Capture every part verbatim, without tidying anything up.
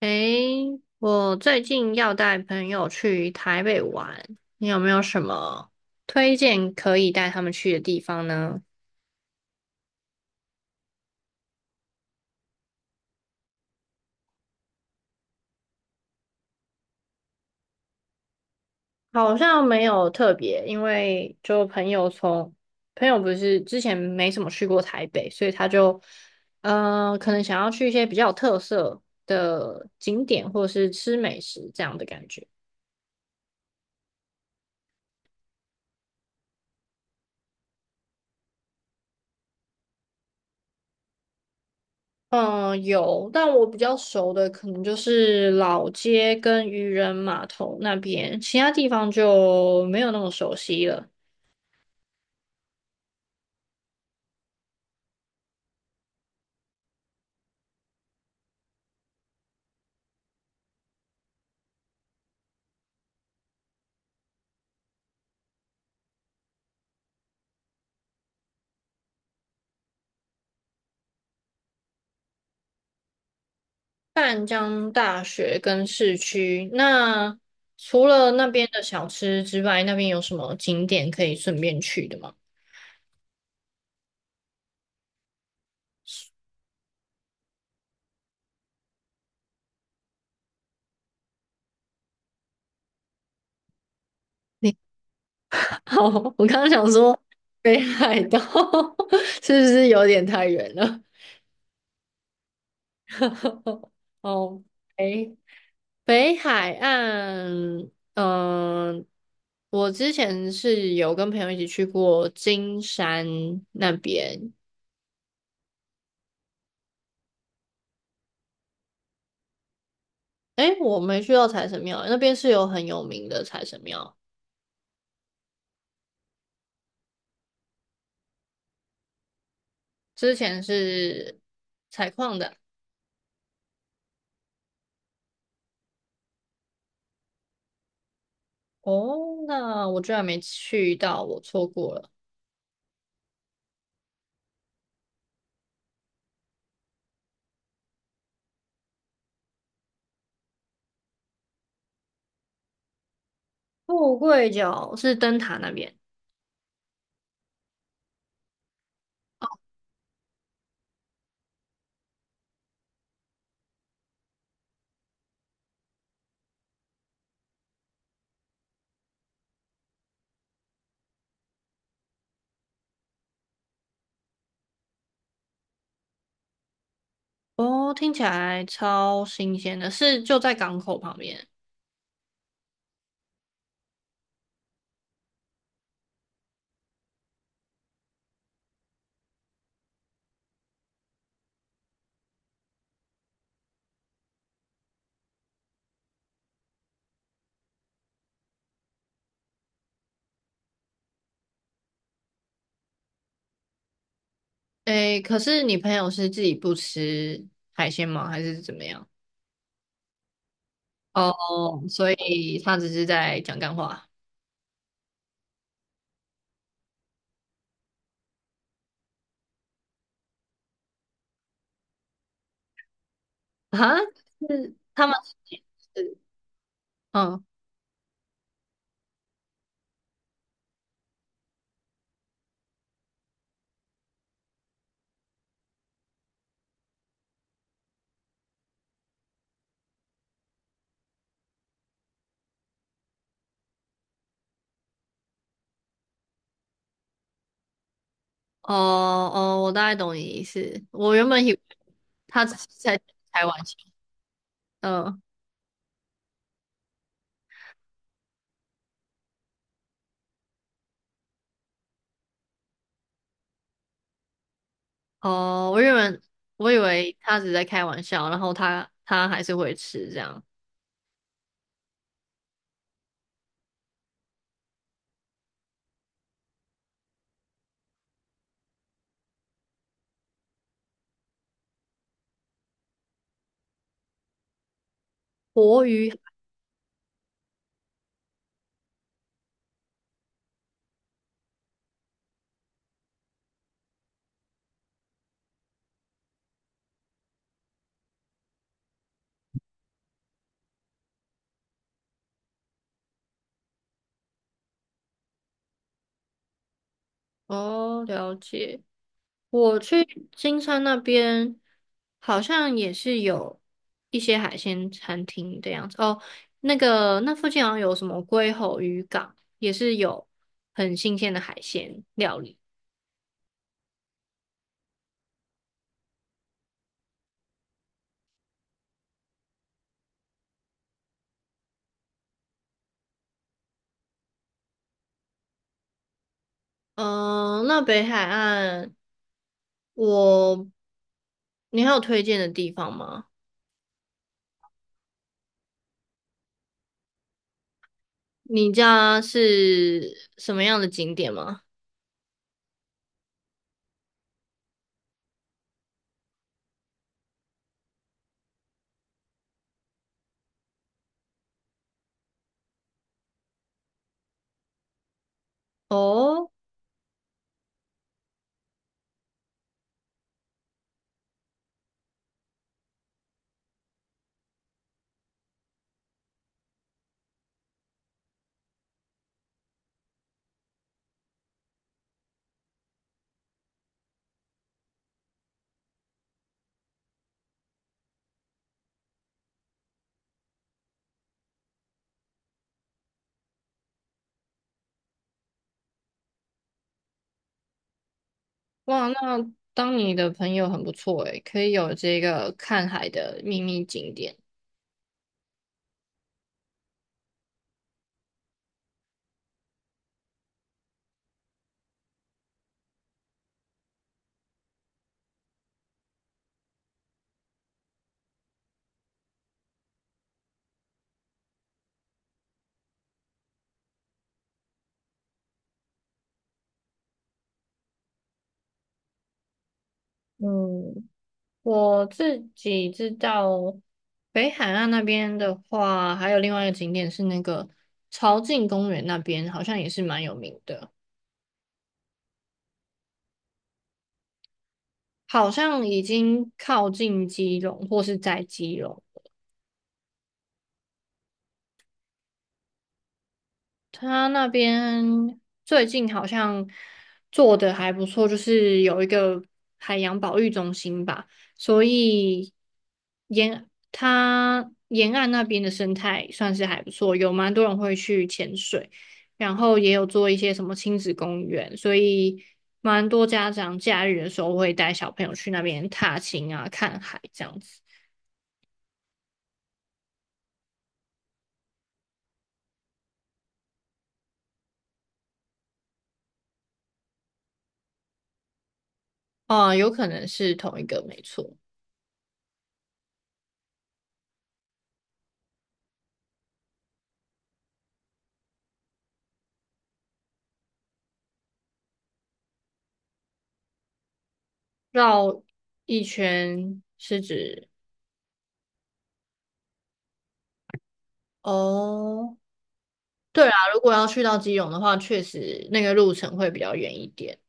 诶，我最近要带朋友去台北玩，你有没有什么推荐可以带他们去的地方呢？好像没有特别，因为就朋友从朋友不是之前没怎么去过台北，所以他就呃可能想要去一些比较有特色的景点或是吃美食这样的感觉。嗯，有，但我比较熟的可能就是老街跟渔人码头那边，其他地方就没有那么熟悉了。淡江大学跟市区，那除了那边的小吃之外，那边有什么景点可以顺便去的吗？你 好，我刚刚想说北海道 是不是有点太远了？哦，哎。北海岸，嗯、我之前是有跟朋友一起去过金山那边，诶，我没去到财神庙，那边是有很有名的财神庙，之前是采矿的。哦，那我居然没去到，我错过了。富贵角是灯塔那边，哦，听起来超新鲜的，是就在港口旁边。诶，可是你朋友是自己不吃海鲜吗？还是怎么样？哦，所以他只是在讲干话哈？是他们是嗯哦哦，我大概懂你意思。我原本以为他只是在开玩笑，嗯哦，我原本我以为他只是在开玩笑，然后他他还是会吃这样活鱼。哦，了解。我去金山那边好像也是有一些海鲜餐厅的样子哦。那个那附近好像有什么龟吼渔港，也是有很新鲜的海鲜料理。嗯、那北海岸我，你还有推荐的地方吗？你家是什么样的景点吗？哦，哇，那当你的朋友很不错诶，可以有这个看海的秘密景点。嗯，我自己知道，北海岸那边的话，还有另外一个景点是那个潮境公园那边，好像也是蛮有名的，好像已经靠近基隆或是在基隆。他那边最近好像做的还不错，就是有一个海洋保育中心吧，所以沿它沿岸那边的生态算是还不错，有蛮多人会去潜水，然后也有做一些什么亲子公园，所以蛮多家长假日的时候会带小朋友去那边踏青啊、看海这样子。啊、有可能是同一个，没错。绕一圈是指哦，对啦，如果要去到基隆的话，确实那个路程会比较远一点。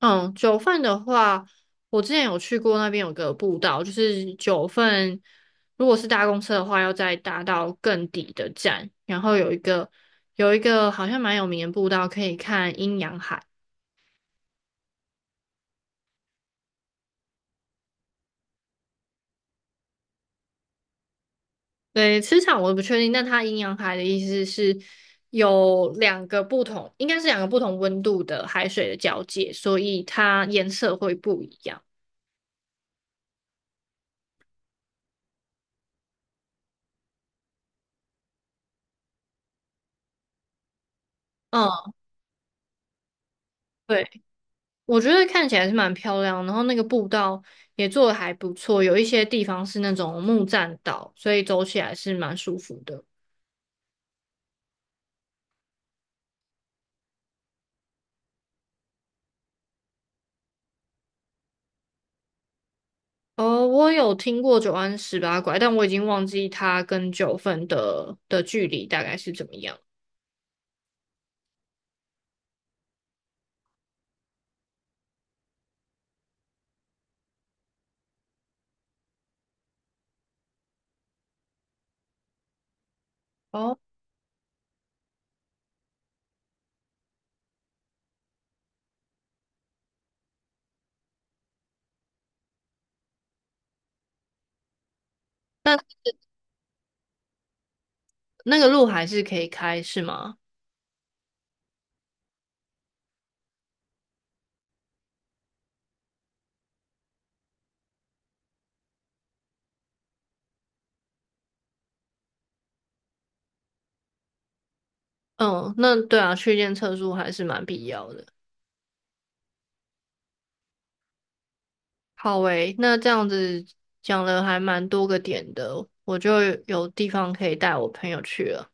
嗯，九份的话，我之前有去过那边有个步道，就是九份，如果是搭公车的话，要再搭到更底的站，然后有一个有一个好像蛮有名的步道，可以看阴阳海。对，磁场我不确定，但它阴阳海的意思是有两个不同，应该是两个不同温度的海水的交界，所以它颜色会不一样。嗯，对，我觉得看起来是蛮漂亮，然后那个步道也做的还不错，有一些地方是那种木栈道，所以走起来是蛮舒服的。哦，我有听过九弯十八拐，但我已经忘记它跟九份的的距离大概是怎么样。哦，那个路还是可以开，是吗？嗯，那对啊，去练测速还是蛮必要的。好诶，那这样子讲了还蛮多个点的，我就有地方可以带我朋友去了。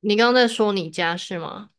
你刚刚在说你家是吗？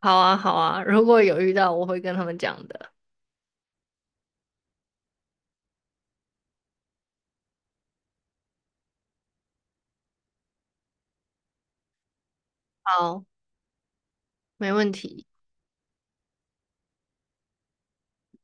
好啊，好啊，如果有遇到，我会跟他们讲的。好，没问题。